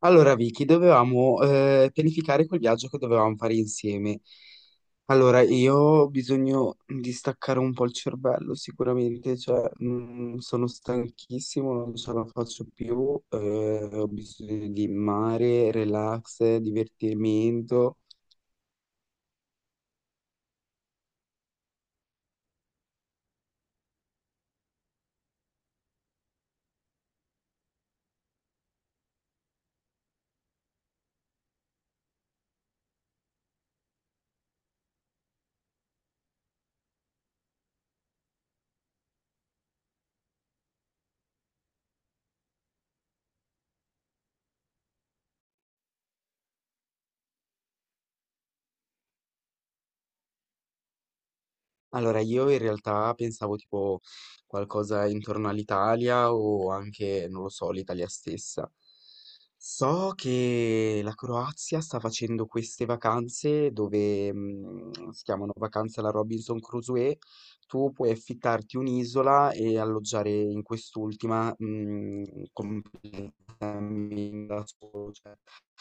Allora, Vicky, dovevamo pianificare quel viaggio che dovevamo fare insieme. Allora, io ho bisogno di staccare un po' il cervello, sicuramente, cioè, sono stanchissimo, non ce la faccio più, ho bisogno di mare, relax, divertimento. Allora, io in realtà pensavo tipo qualcosa intorno all'Italia o anche, non lo so, l'Italia stessa. So che la Croazia sta facendo queste vacanze dove si chiamano vacanze alla Robinson Crusoe. Tu puoi affittarti un'isola e alloggiare in quest'ultima completamente cammini da solo, cioè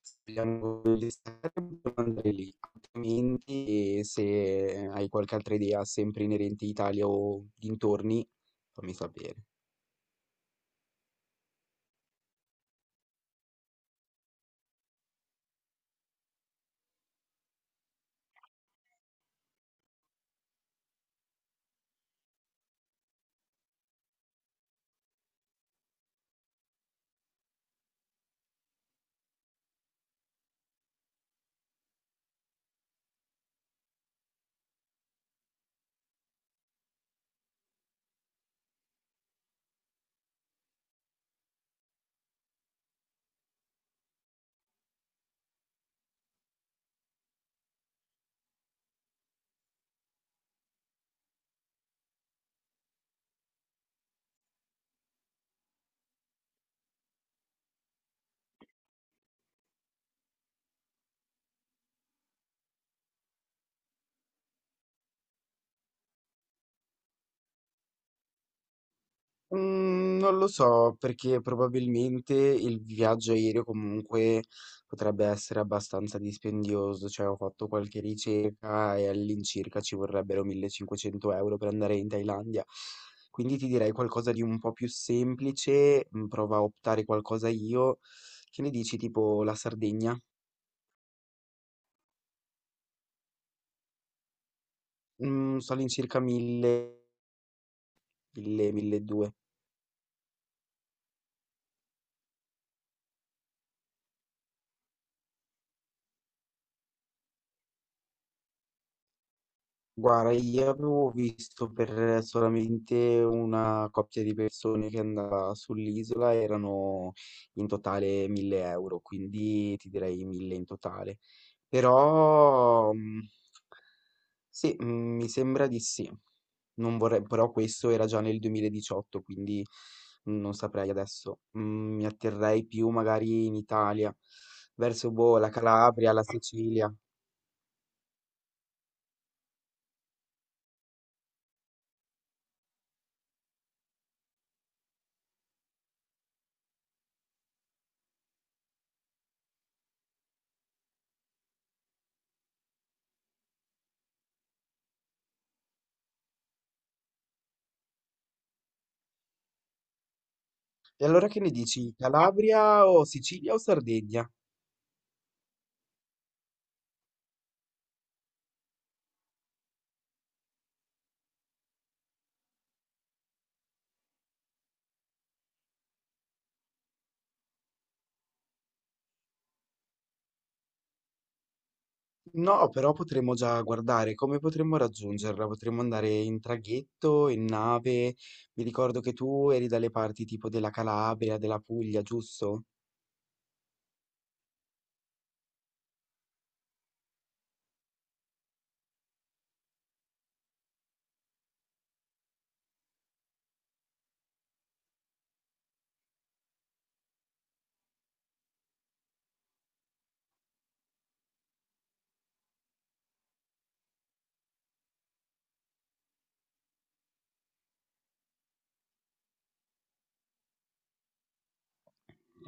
spieghiamo gli schermi, andare lì, altrimenti se hai qualche altra idea sempre inerente a Italia o dintorni, fammi sapere. Non lo so, perché probabilmente il viaggio aereo comunque potrebbe essere abbastanza dispendioso, cioè ho fatto qualche ricerca e all'incirca ci vorrebbero 1500 euro per andare in Thailandia. Quindi ti direi qualcosa di un po' più semplice, prova a optare qualcosa io. Che ne dici tipo la Sardegna? Sto all'incirca 1000, 1000, 1200. Guarda, io avevo visto per solamente una coppia di persone che andava sull'isola, erano in totale 1000 euro, quindi ti direi 1000 in totale. Però sì, mi sembra di sì. Non vorrei, però questo era già nel 2018, quindi non saprei adesso. Mi atterrei più magari in Italia, verso boh, la Calabria, la Sicilia. E allora che ne dici? Calabria o Sicilia o Sardegna? No, però potremmo già guardare come potremmo raggiungerla. Potremmo andare in traghetto, in nave. Mi ricordo che tu eri dalle parti tipo della Calabria, della Puglia, giusto?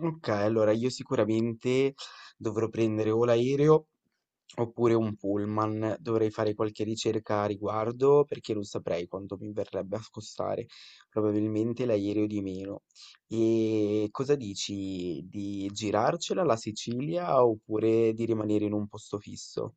Ok, allora io sicuramente dovrò prendere o l'aereo oppure un pullman, dovrei fare qualche ricerca a riguardo perché non saprei quanto mi verrebbe a costare, probabilmente l'aereo di meno. E cosa dici di girarcela la Sicilia oppure di rimanere in un posto fisso?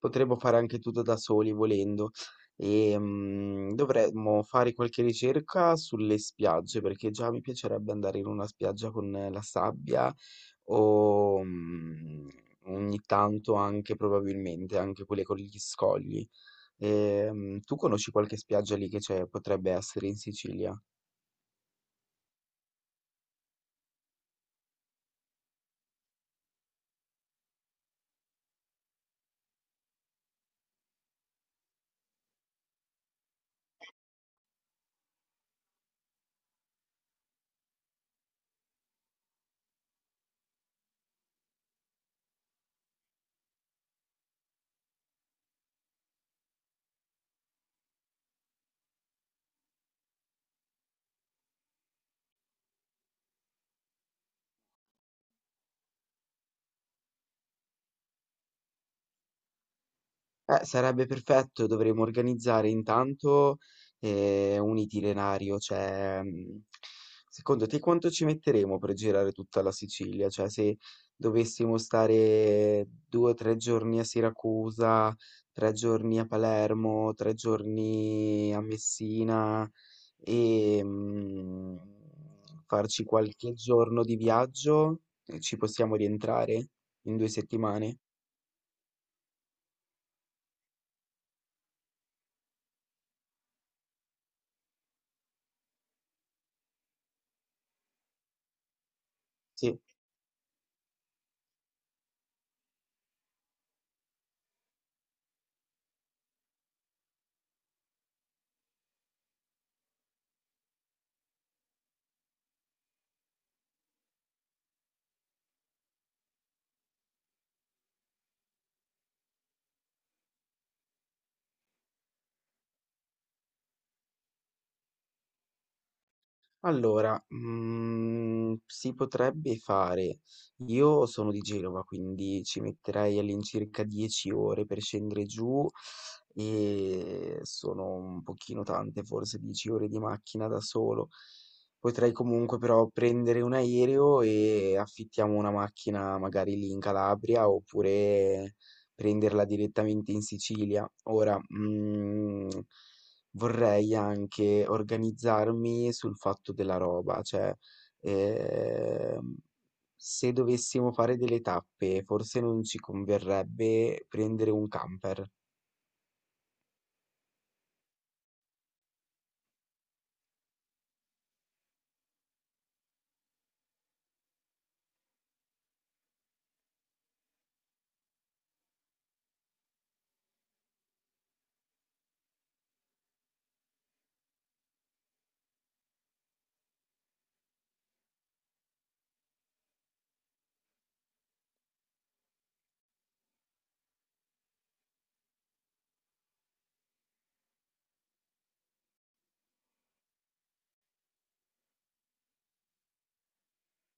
Potremmo fare anche tutto da soli volendo. Dovremmo fare qualche ricerca sulle spiagge, perché già mi piacerebbe andare in una spiaggia con la sabbia o ogni tanto anche probabilmente anche quelle con gli scogli. Tu conosci qualche spiaggia lì che c'è, potrebbe essere in Sicilia? Sarebbe perfetto, dovremmo organizzare intanto un itinerario, cioè secondo te quanto ci metteremo per girare tutta la Sicilia? Cioè se dovessimo stare due o tre giorni a Siracusa, tre giorni a Palermo, tre giorni a Messina e farci qualche giorno di viaggio, ci possiamo rientrare in due settimane? Sì. Allora, mhmm, si potrebbe fare. Io sono di Genova, quindi ci metterei all'incirca 10 ore per scendere giù e sono un pochino tante, forse 10 ore di macchina da solo. Potrei comunque però prendere un aereo e affittiamo una macchina magari lì in Calabria oppure prenderla direttamente in Sicilia. Ora, mhmm vorrei anche organizzarmi sul fatto della roba, cioè ehm, se dovessimo fare delle tappe, forse non ci converrebbe prendere un camper.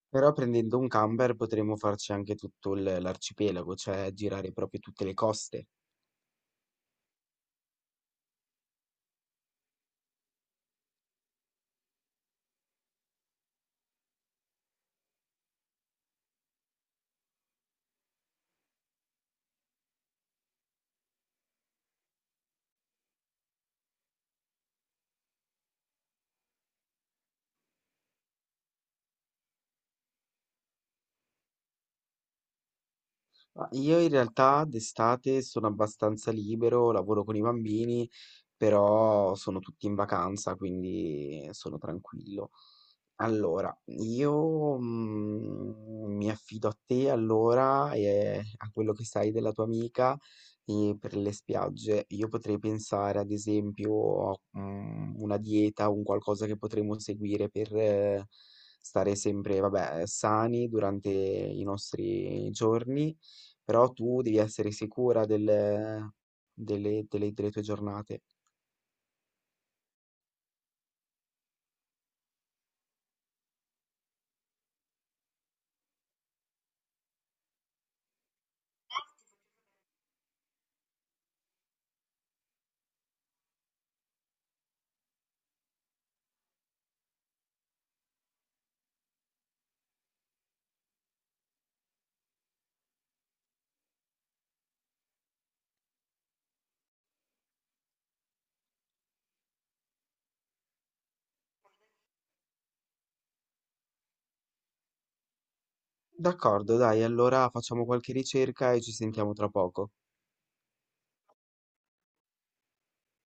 Però prendendo un camper potremmo farci anche tutto l'arcipelago, cioè girare proprio tutte le coste. Ma io in realtà d'estate sono abbastanza libero, lavoro con i bambini, però sono tutti in vacanza, quindi sono tranquillo. Allora, io mi affido a te allora e a quello che sai della tua amica e per le spiagge. Io potrei pensare ad esempio a una dieta, un qualcosa che potremmo seguire per stare sempre, vabbè, sani durante i nostri giorni però tu devi essere sicura delle tue giornate. D'accordo, dai, allora facciamo qualche ricerca e ci sentiamo tra poco.